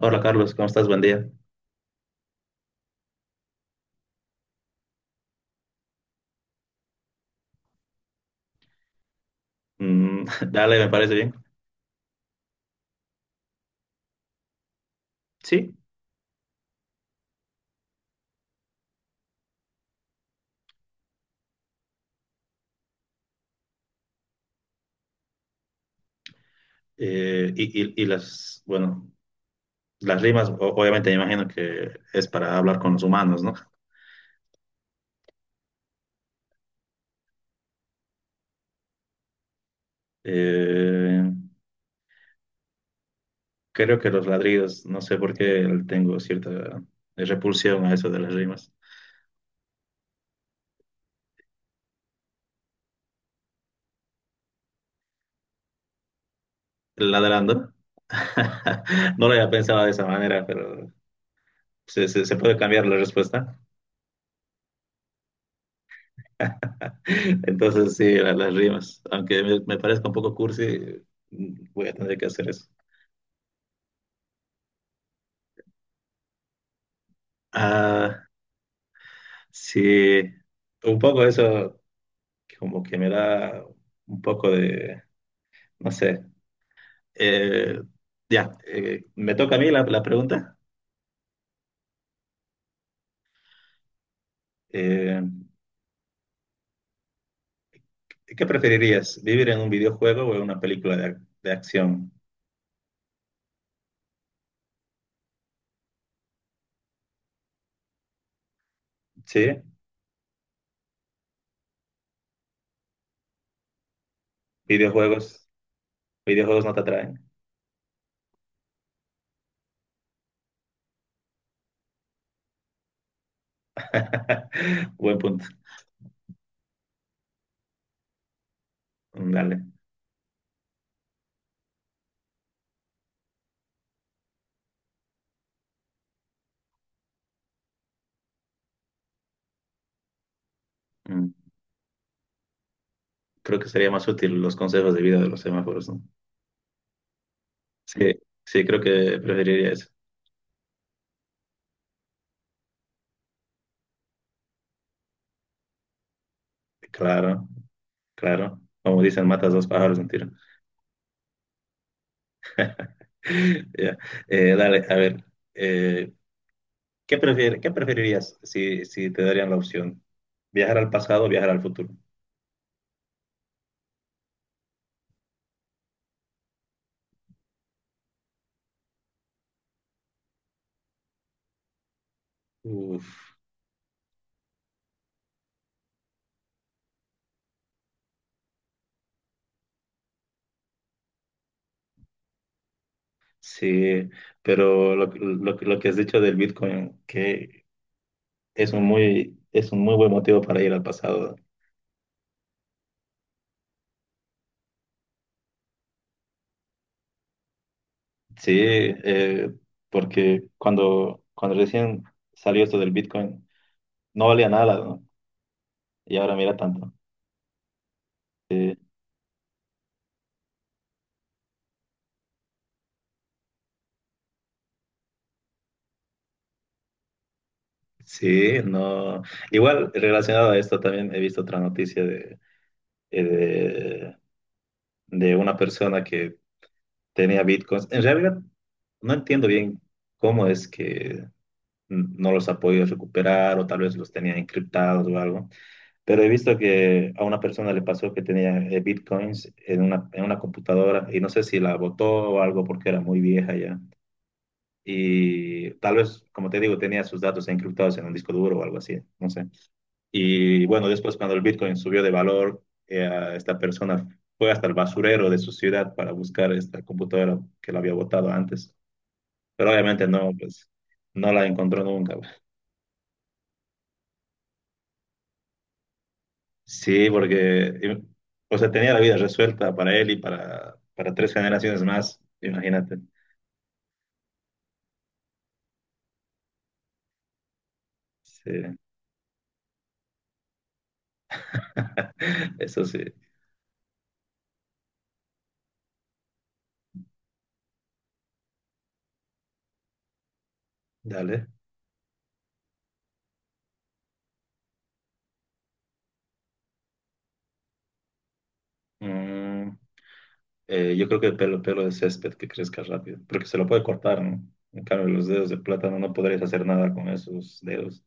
Hola Carlos, ¿cómo estás? Buen día. Mm, dale, me parece bien. Sí, y las, bueno, las rimas, obviamente me imagino que es para hablar con los humanos, ¿no? Eh, creo que los ladridos, no sé por qué tengo cierta repulsión a eso de las rimas. ¿Ladrando? No lo había pensado de esa manera, pero se puede cambiar la respuesta. Entonces sí, las rimas, aunque me parezca un poco cursi, voy a tener que hacer eso. Ah, sí, un poco eso como que me da un poco de, no sé. Eh, ya, me toca a mí la pregunta. Eh, qué preferirías, vivir en un videojuego o en una película de, de acción? Sí, videojuegos, videojuegos no te atraen. Buen punto. Dale. Mm, Creo que sería más útil los consejos de vida de los semáforos, ¿no? Sí, sí, creo que preferiría eso. Claro, claro. Como dicen, matas dos pájaros de un tiro. Ya. Dale, a ver, eh, ¿qué qué preferirías si, si te darían la opción? ¿Viajar al pasado o viajar al futuro? Uf, sí, pero lo que has dicho del Bitcoin, que es un muy buen motivo para ir al pasado. Sí, porque cuando, cuando recién salió esto del Bitcoin, no valía nada, ¿no? Y ahora mira tanto. Sí, no. Igual, relacionado a esto, también he visto otra noticia eh, de una persona que tenía bitcoins. En realidad, no entiendo bien cómo es que no los ha podido recuperar o tal vez los tenía encriptados o algo, pero he visto que a una persona le pasó que tenía bitcoins en una computadora y no sé si la botó o algo porque era muy vieja ya. Y tal vez, como te digo, tenía sus datos encriptados en un disco duro o algo así, no sé. Y bueno, después cuando el Bitcoin subió de valor, esta persona fue hasta el basurero de su ciudad para buscar esta computadora que la había botado antes. Pero obviamente no, pues no la encontró nunca, güey. Sí, porque, o sea, tenía la vida resuelta para él y para tres generaciones más, imagínate. Sí, eso sí, dale. Mm, yo creo que el pelo, pelo de césped que crezca rápido, porque se lo puede cortar, ¿no? En cambio, los dedos de plátano no podrías hacer nada con esos dedos.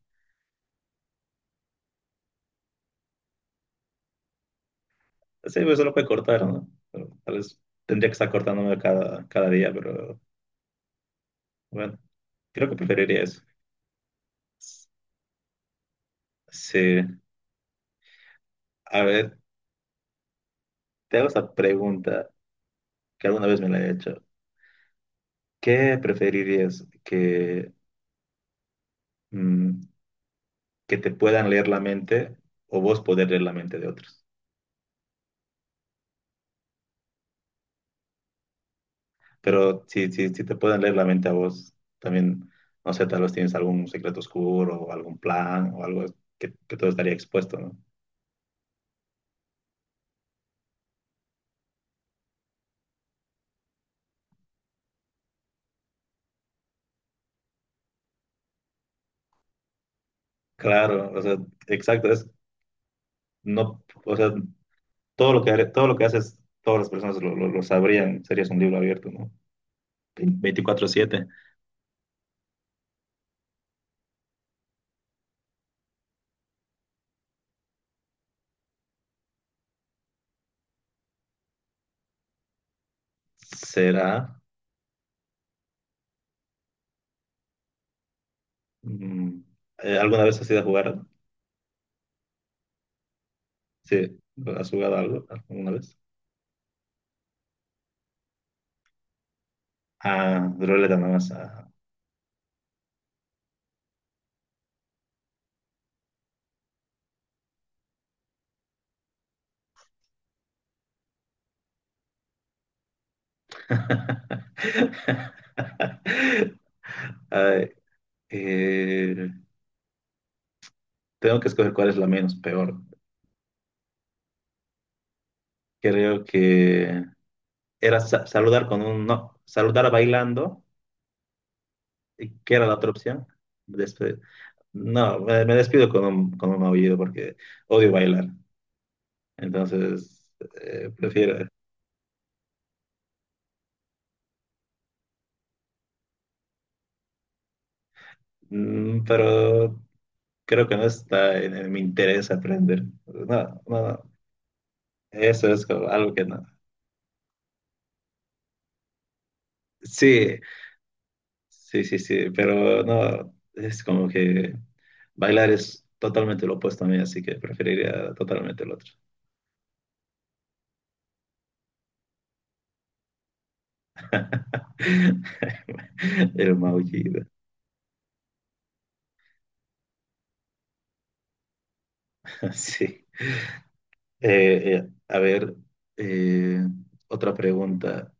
Sí, pues se lo puede cortar, ¿no? Pero tal vez tendría que estar cortándome cada, cada día, pero bueno, creo que preferiría eso. Sí, a ver, te hago esa pregunta que alguna vez me la he hecho. ¿Qué preferirías que, mm, que te puedan leer la mente o vos poder leer la mente de otros? Pero si te pueden leer la mente a vos, también, no sé, tal vez tienes algún secreto oscuro o algún plan o algo que todo estaría expuesto, ¿no? Claro, o sea, exacto, es, no, o sea, todo lo que, todo lo que haces, todas las personas lo sabrían, serías un libro abierto, ¿no? 24/7. ¿Será? Mm, ¿Alguna vez has ido a jugar? Sí, ¿has jugado algo alguna vez? Ah, ruleta nada más, ah. Ay, Eh, tengo que escoger cuál es la menos peor. Creo que era saludar con un no, saludar bailando, y que era la otra opción. Despe- no, me despido con un aullido porque odio bailar. Entonces, prefiero. Pero creo que no está en mi interés aprender. No, no, no. Eso es como algo que no. Sí, sí, sí, sí, pero no, es como que bailar es totalmente lo opuesto a mí, así que preferiría totalmente el otro. El maullido, sí. A ver, eh, otra pregunta.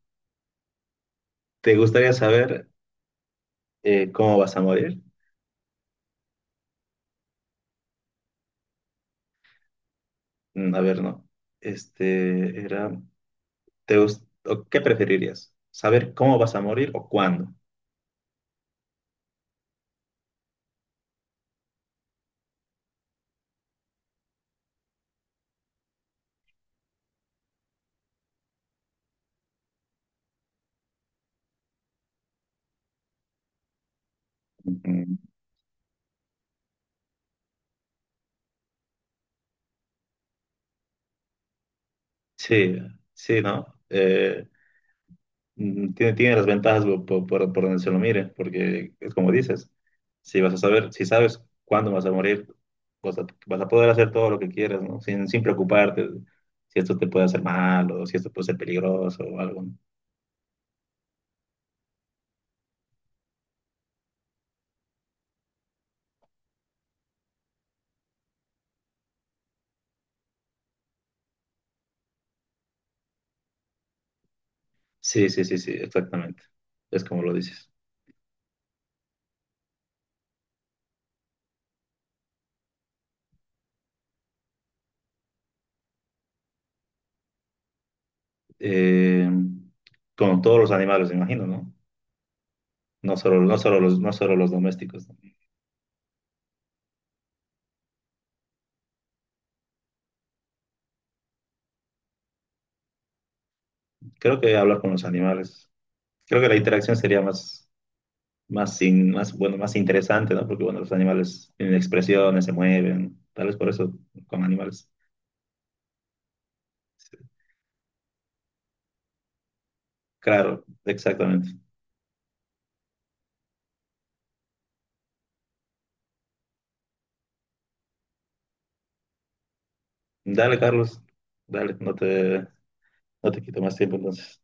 ¿Te gustaría saber cómo vas a morir? A ver, no. Este era, ¿te o qué preferirías? ¿Saber cómo vas a morir o cuándo? Mm, Sí, sí, ¿no? Tiene, tiene las ventajas por, por donde se lo mire, porque es como dices, si vas a saber, si sabes cuándo vas a morir, vas a, vas a poder hacer todo lo que quieras, ¿no? Sin, sin preocuparte si esto te puede hacer mal o si esto puede ser peligroso o algo, ¿no? Sí, sí, sí, sí, exactamente. Es como lo dices. Eh, con todos los animales, me imagino, ¿no? No solo, no solo los, no solo los domésticos, ¿no? Creo que hablar con los animales, creo que la interacción sería más más, más, bueno, más interesante, ¿no? Porque, bueno, los animales tienen expresiones, se mueven, tal vez por eso con animales. Claro, exactamente. Dale, Carlos, dale, no te, no te quito más tiempo entonces.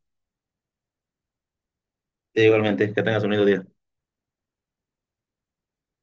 Igualmente, que tengas un lindo día.